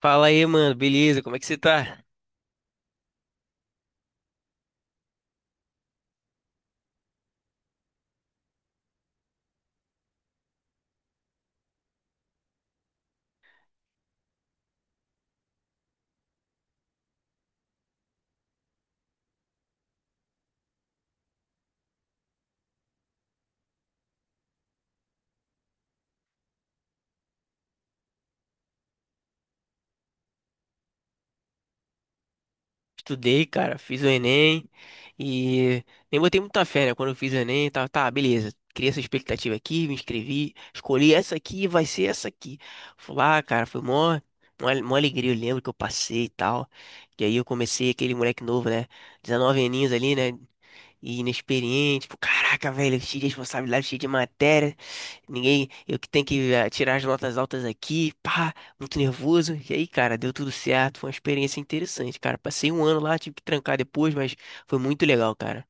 Fala aí, mano, beleza? Como é que você tá? Estudei, cara, fiz o Enem e nem botei muita fé, né? Quando eu fiz o Enem, tá, tá, beleza. Criei essa expectativa aqui, me inscrevi, escolhi essa aqui, e vai ser essa aqui. Fui lá, cara, foi mó alegria, eu lembro que eu passei e tal. E aí eu comecei aquele moleque novo, né? 19 aninhos ali, né? E inexperiente, tipo, caraca, velho, cheio de responsabilidade, cheio de matéria, ninguém, eu que tenho que tirar as notas altas aqui, pá, muito nervoso. E aí, cara, deu tudo certo, foi uma experiência interessante, cara. Passei um ano lá, tive que trancar depois, mas foi muito legal, cara.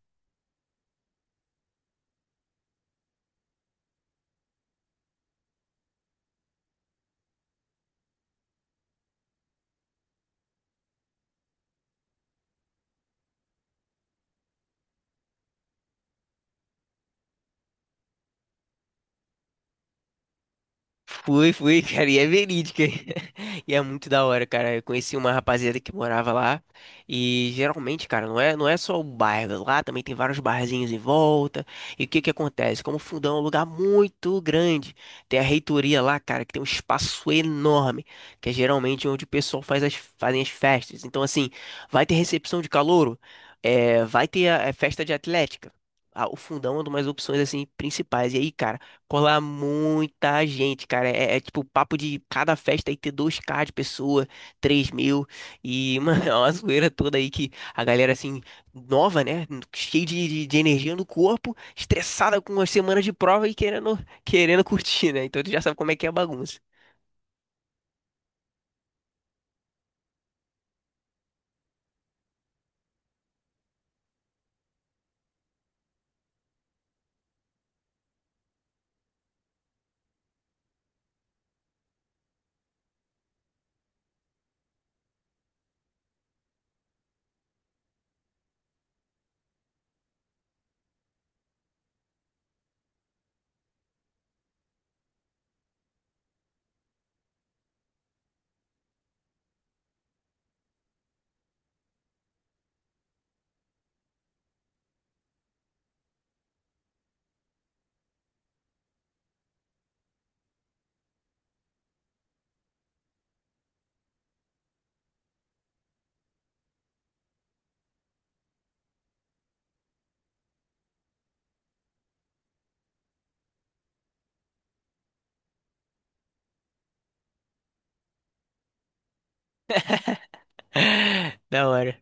Fui, fui, cara, e é verídica. E é muito da hora, cara. Eu conheci uma rapaziada que morava lá. E geralmente, cara, não é só o bairro. Lá também tem vários barzinhos em volta. E o que que acontece? Como o Fundão é um lugar muito grande, tem a reitoria lá, cara, que tem um espaço enorme, que é geralmente onde o pessoal fazem as festas. Então, assim, vai ter recepção de calouro, é, vai ter a festa de atlética. Ah, o Fundão é uma das opções, assim, principais. E aí, cara. Colar muita gente, cara. É, é tipo papo de cada festa aí ter 2K de pessoa, 3 mil. E, mano, é uma zoeira toda aí que a galera, assim, nova, né? Cheia de energia no corpo, estressada com as semanas de prova e querendo curtir, né? Então tu já sabe como é que é a bagunça. Da hora.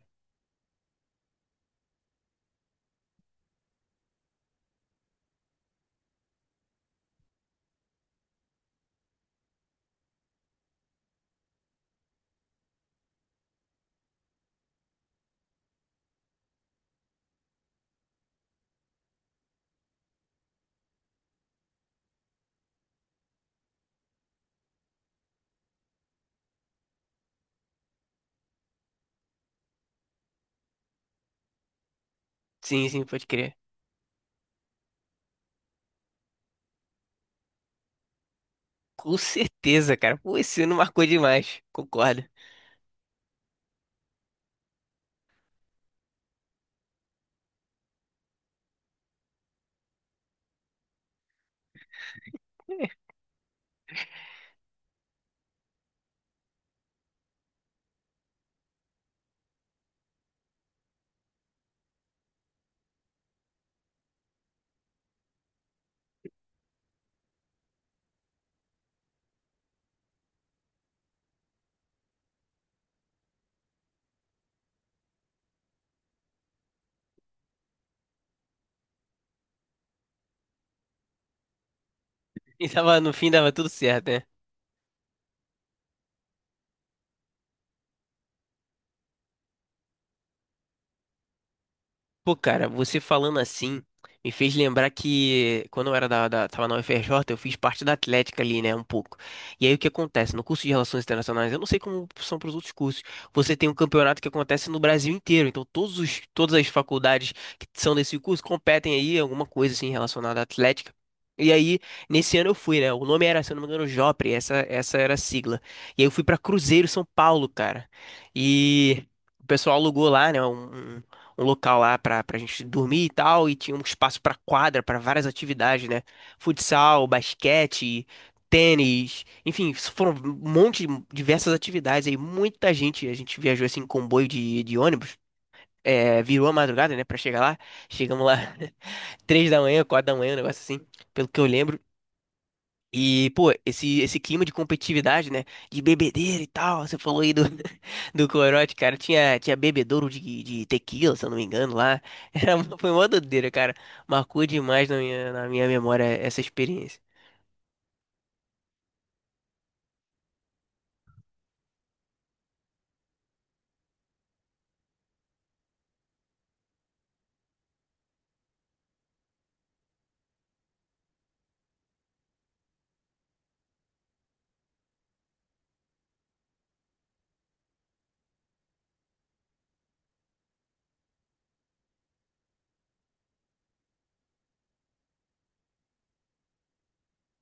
Sim, sim, pode crer. Com certeza, cara. Pô, esse ano marcou demais. Concordo. E tava, no fim dava tudo certo, né? Pô, cara, você falando assim me fez lembrar que quando eu era tava na UFRJ, eu fiz parte da Atlética ali, né, um pouco. E aí o que acontece? No curso de Relações Internacionais, eu não sei como são para os outros cursos, você tem um campeonato que acontece no Brasil inteiro, então todas as faculdades que são desse curso competem aí em alguma coisa assim relacionada à Atlética. E aí, nesse ano eu fui, né? O nome era, se eu não me engano, Jopre, essa era a sigla. E aí eu fui pra Cruzeiro São Paulo, cara. E o pessoal alugou lá, né? Um local lá pra gente dormir e tal, e tinha um espaço pra quadra, pra várias atividades, né? Futsal, basquete, tênis, enfim, isso foram um monte de diversas atividades aí, muita gente, a gente viajou assim em comboio de ônibus. É, virou a madrugada, né, pra chegar lá. Chegamos lá 3 da manhã, 4 da manhã, um negócio assim, pelo que eu lembro. E, pô, esse clima de competitividade, né? De bebedeira e tal. Você falou aí do, do corote, cara. Tinha bebedouro de tequila, se eu não me engano, lá. Foi uma doideira, cara. Marcou demais na na minha memória essa experiência.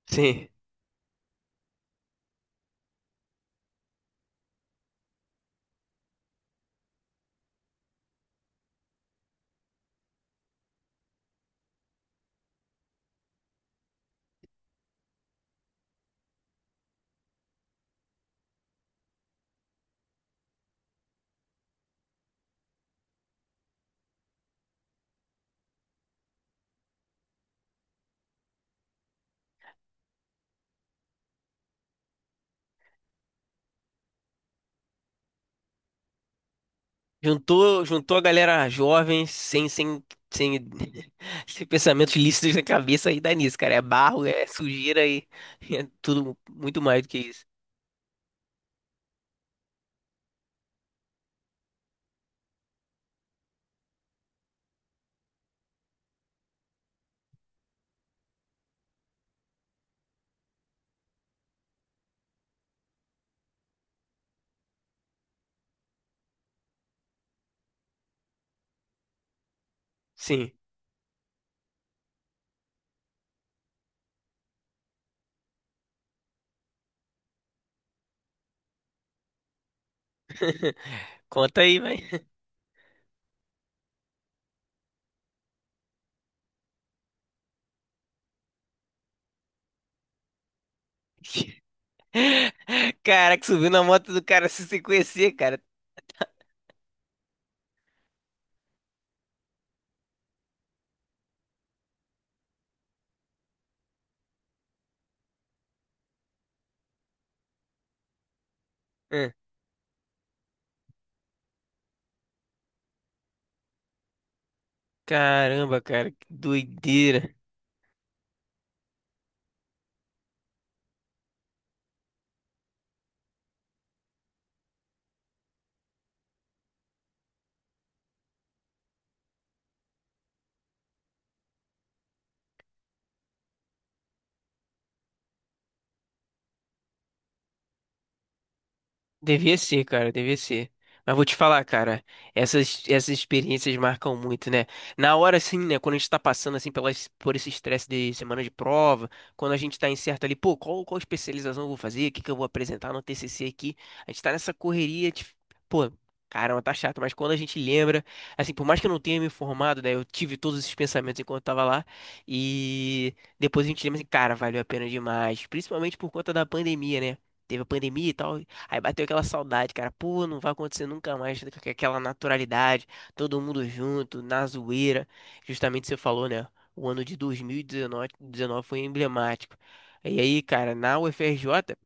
Sim. Juntou a galera jovem, sem, sem, sem, sem pensamentos lícitos na cabeça e dá nisso, cara. É barro, é sujeira e é tudo muito mais do que isso. Sim. Conta aí, vai. Cara, que subiu na moto do cara se você conhecer, cara. Ah, caramba, cara, que doideira. Devia ser, cara, devia ser. Mas vou te falar, cara, essas experiências marcam muito, né? Na hora, assim, né, quando a gente tá passando, assim, pelas, por esse estresse de semana de prova, quando a gente tá incerto ali, pô, qual especialização eu vou fazer, o que que eu vou apresentar no TCC aqui, a gente tá nessa correria, de, pô, caramba, tá chato, mas quando a gente lembra, assim, por mais que eu não tenha me informado, né, eu tive todos esses pensamentos enquanto eu tava lá, e depois a gente lembra assim, cara, valeu a pena demais, principalmente por conta da pandemia, né? Teve a pandemia e tal. Aí bateu aquela saudade, cara. Pô, não vai acontecer nunca mais com aquela naturalidade, todo mundo junto, na zoeira. Justamente você falou, né? O ano de 2019 19 foi emblemático. E aí, cara, na UFRJ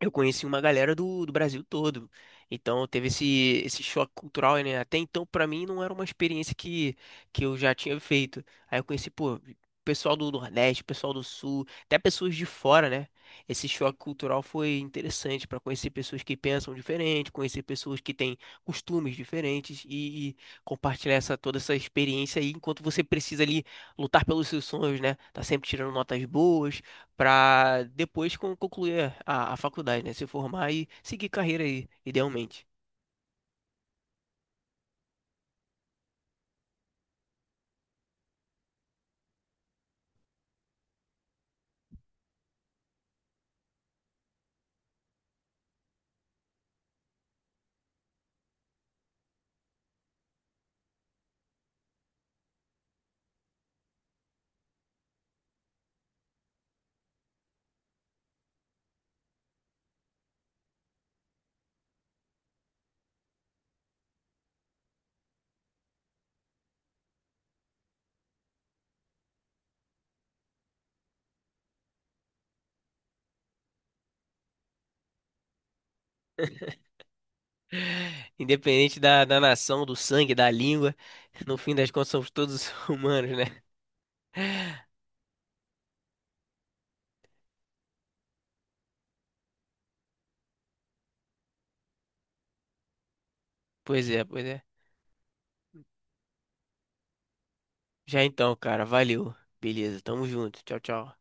eu conheci uma galera do Brasil todo. Então teve esse, esse choque cultural, né? Até então, pra mim, não era uma experiência que eu já tinha feito. Aí eu conheci, pô, pessoal do Nordeste, pessoal do Sul, até pessoas de fora, né? Esse choque cultural foi interessante pra conhecer pessoas que pensam diferente, conhecer pessoas que têm costumes diferentes e compartilhar essa, toda essa experiência aí, enquanto você precisa ali lutar pelos seus sonhos, né? Tá sempre tirando notas boas para depois concluir a faculdade, né? Se formar e seguir carreira aí, idealmente. Independente da nação, do sangue, da língua, no fim das contas somos todos humanos, né? Pois é, pois é. Já então, cara, valeu. Beleza, tamo junto. Tchau, tchau.